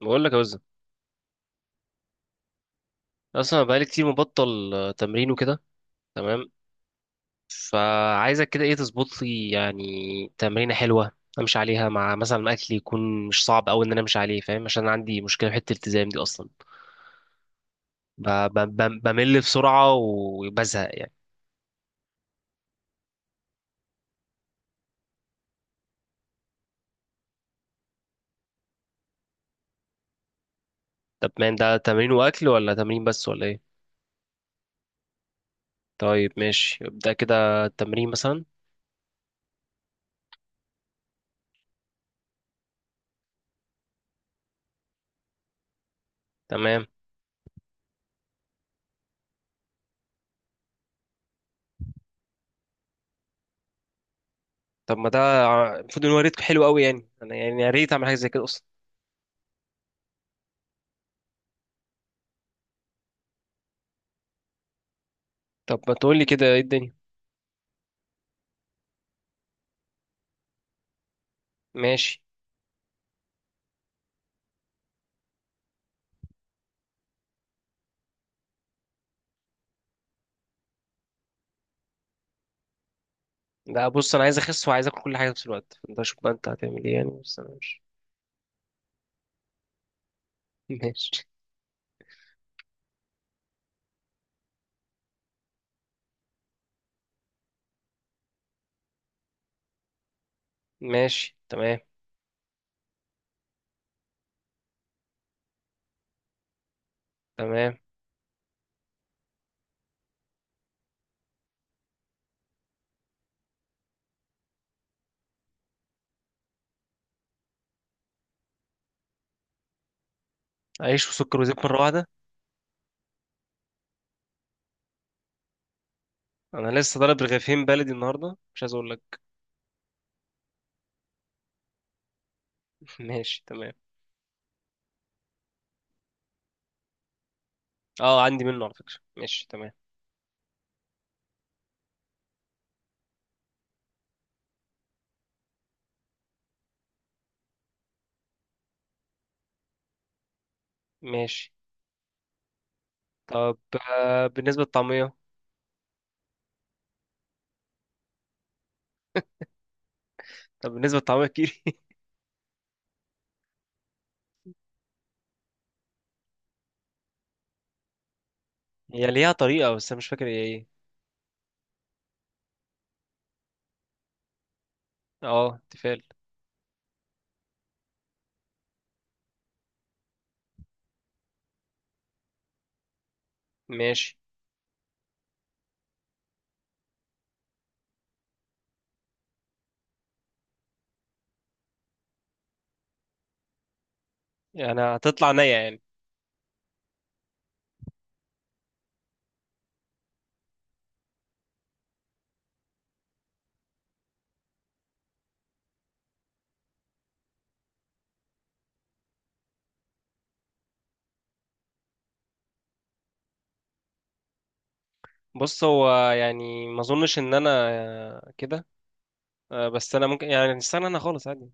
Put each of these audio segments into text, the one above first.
بقول لك يا وزن، اصلا بقالي كتير مبطل تمرين وكده. تمام. فعايزك كده ايه تظبط لي يعني؟ تمرينه حلوه. امشي عليها مع مثلا اكل يكون مش صعب قوي ان انا امشي عليه فاهم، عشان أنا عندي مشكله في حته الالتزام دي اصلا. بمل بسرعه وبزهق يعني. طب مان، ده تمرين واكل ولا تمرين بس ولا ايه؟ طيب ماشي، ابدا كده التمرين مثلا. تمام. طب ما ده المفروض ان هو ريت حلو قوي يعني، انا يعني يا ريت اعمل حاجه زي كده اصلا. طب ما تقول لي كده ايه الدنيا؟ ماشي. لا بص، انا عايز اخس وعايز اكل كل حاجه في نفس الوقت، فانت شوف بقى انت هتعمل ايه يعني، بس انا مش. ماشي. ماشي تمام. تمام. عيش وسكر وزيت مره واحده؟ انا لسه ضارب رغيفين بلدي النهارده، مش عايز اقول لك. ماشي تمام. اه، عندي منه على فكره، ماشي تمام. ماشي. طب بالنسبه للطعميه. طب بالنسبه للطعميه كيري؟ هي ليها طريقه، بس انا مش فاكر هي ايه. اه، تفال. ماشي. يعني هتطلع نية يعني؟ بص، هو يعني ما اظنش ان انا كده. آه، بس انا ممكن يعني استنى انا خالص عادي.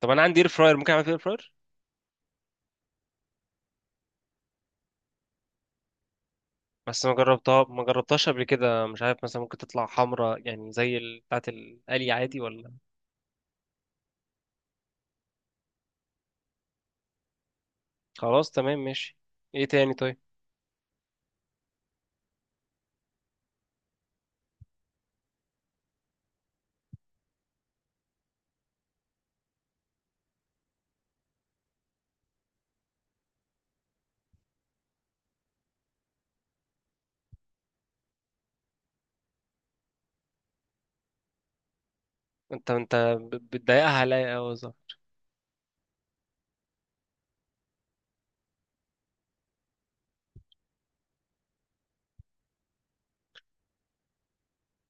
طب انا عندي اير فراير، ممكن اعمل فيه اير فراير؟ بس ما جربتهاش قبل كده، مش عارف مثلا ممكن تطلع حمرا يعني زي بتاعت القلي عادي ولا؟ خلاص تمام ماشي. ايه تاني طيب؟ انت بتضايقها عليا قوي صح؟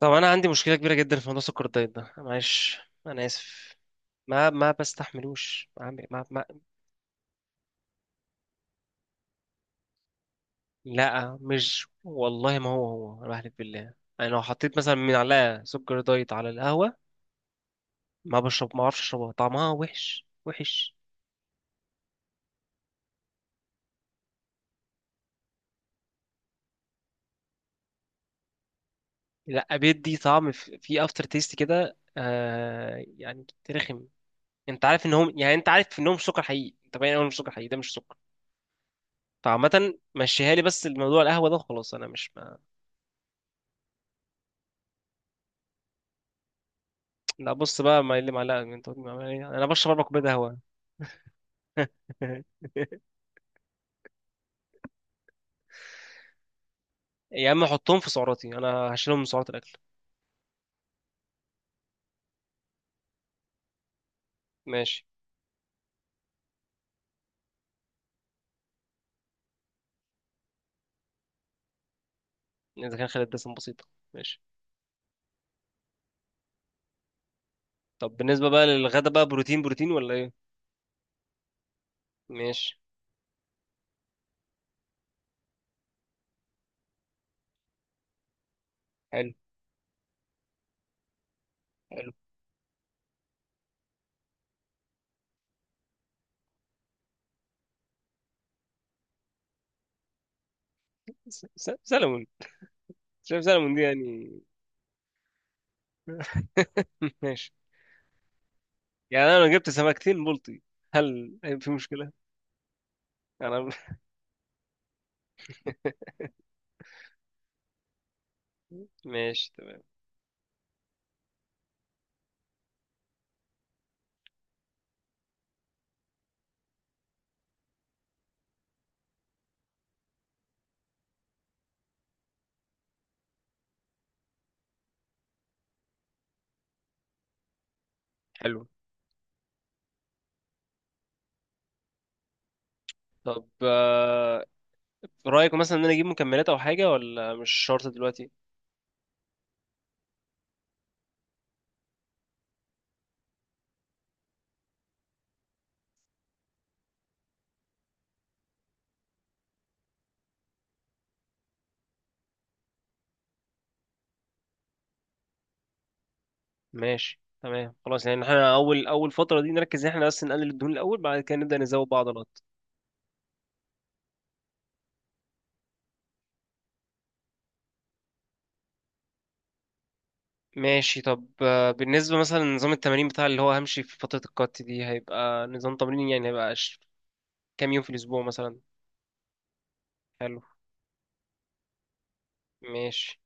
طب انا عندي مشكله كبيره جدا في موضوع سكر الدايت ده، معلش انا اسف. ما ما بستحملوش عم- ما ما لا مش والله، ما هو انا بحلف بالله. انا لو حطيت مثلا من عليها سكر دايت على القهوه، ما بشرب ما اعرفش اشربها، طعمها وحش وحش. لا، بيدي طعم في افتر تيست كده يعني رخم. انت عارف انهم مش سكر حقيقي، انت باين انهم مش سكر حقيقي، ده مش سكر. فعامة، مشيها لي، بس الموضوع القهوة ده خلاص انا مش ما. لا بص بقى، ما اللي معلقة انت قلت معلقة إيه؟ انا بشرب اربع كوبايات قهوة. يا عم حطهم في سعراتي، انا هشيلهم من سعرات الاكل. ماشي. اذا كان خلال الدسم بسيطة. ماشي. طب بالنسبة بقى للغدا بقى، بروتين بروتين ولا ايه؟ ماشي. حلو. حلو. سلمون. شايف سلمون دي يعني؟ ماشي. يعني انا لو جبت سمكتين بلطي، هل هيبقى في مشكله؟ انا. ماشي تمام. حلو. طب رايك مثلا ان انا اجيب مكملات او حاجه ولا مش شرط دلوقتي؟ ماشي تمام. خلاص يعني احنا اول اول فتره دي نركز ان احنا بس نقلل الدهون الاول، بعد كده نبدا نزود بقى عضلات. ماشي. طب بالنسبه مثلا لنظام التمارين بتاع اللي هو همشي في فتره الكات دي، هيبقى نظام تمرين يعني، هيبقى ش- كام يوم في الاسبوع مثلا؟ حلو. ماشي.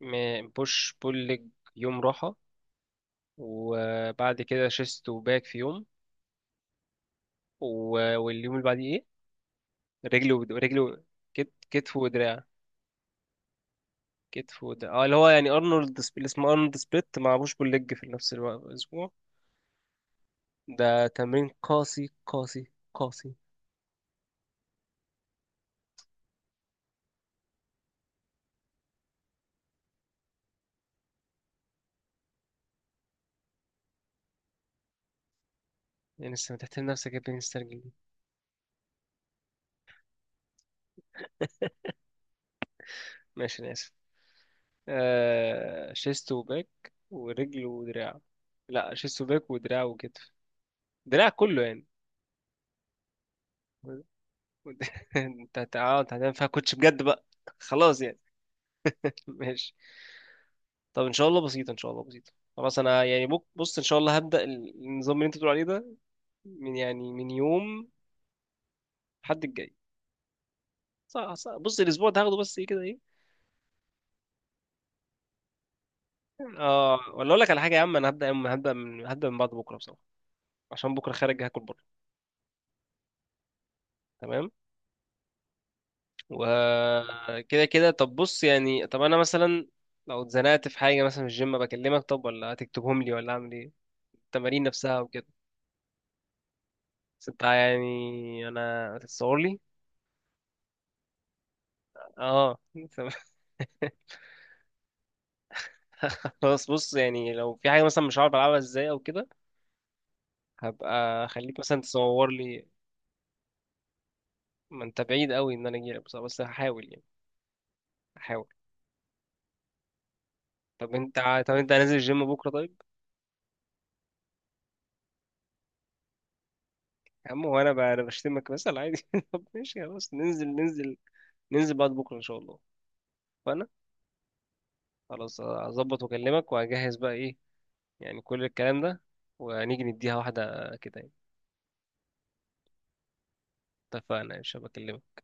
بوش بول ليج، يوم راحه، وبعد كده شيست وباك في يوم. واليوم اللي بعديه ايه؟ رجل. كتف ودراع. كتف ودراع، اللي هو يعني اللي اسمه ارنولد سبليت مع بوش بول ليج في نفس الوقت الاسبوع. ده تمرين قاسي قاسي قاسي. يعني لسه بتحترم نفسك يا ابني مسترجل دي؟ ماشي، انا اسف. آه، شيست وباك ورجل ودراع. لا، شيست وباك ودراع وكتف. دراع كله يعني. انت انت آه، أنت هتعمل فيها كوتش بجد بقى. خلاص يعني. ماشي. طب ان شاء الله بسيطه، ان شاء الله بسيطه. خلاص انا يعني بص ان شاء الله هبدا النظام اللي انت بتقول عليه ده، من يوم الحد الجاي. صح صح، بص الاسبوع ده هاخده بس ايه كده ايه. اه، ولا اقول لك على حاجه يا عم، انا هبدا من بعد بكره بصراحه، عشان بكره خارج هاكل بره. تمام. وكده كده طب بص يعني، طب انا مثلا لو اتزنقت في حاجه مثلا في الجيم بكلمك، طب ولا هتكتبهم لي ولا اعمل ايه؟ التمارين نفسها وكده. بس انت يعني انا هتتصور لي؟ اه. خلاص بص يعني لو في حاجة مثلا مش عارف ألعبها ازاي أو كده، هبقى أخليك مثلا تصور لي. ما أنت بعيد أوي إن أنا أجيلك، بس هحاول يعني، هحاول. طب أنت هنزل الجيم بكرة طيب؟ يا عم هو أنا بشتمك مثلا عادي. طب ماشي خلاص، ننزل ننزل، ننزل بعد بكرة إن شاء الله. فأنا. خلاص هظبط وأكلمك، وهجهز بقى إيه يعني، كل الكلام ده، ونيجي نديها واحدة كده يعني. اتفقنا يا شباب، أكلمك.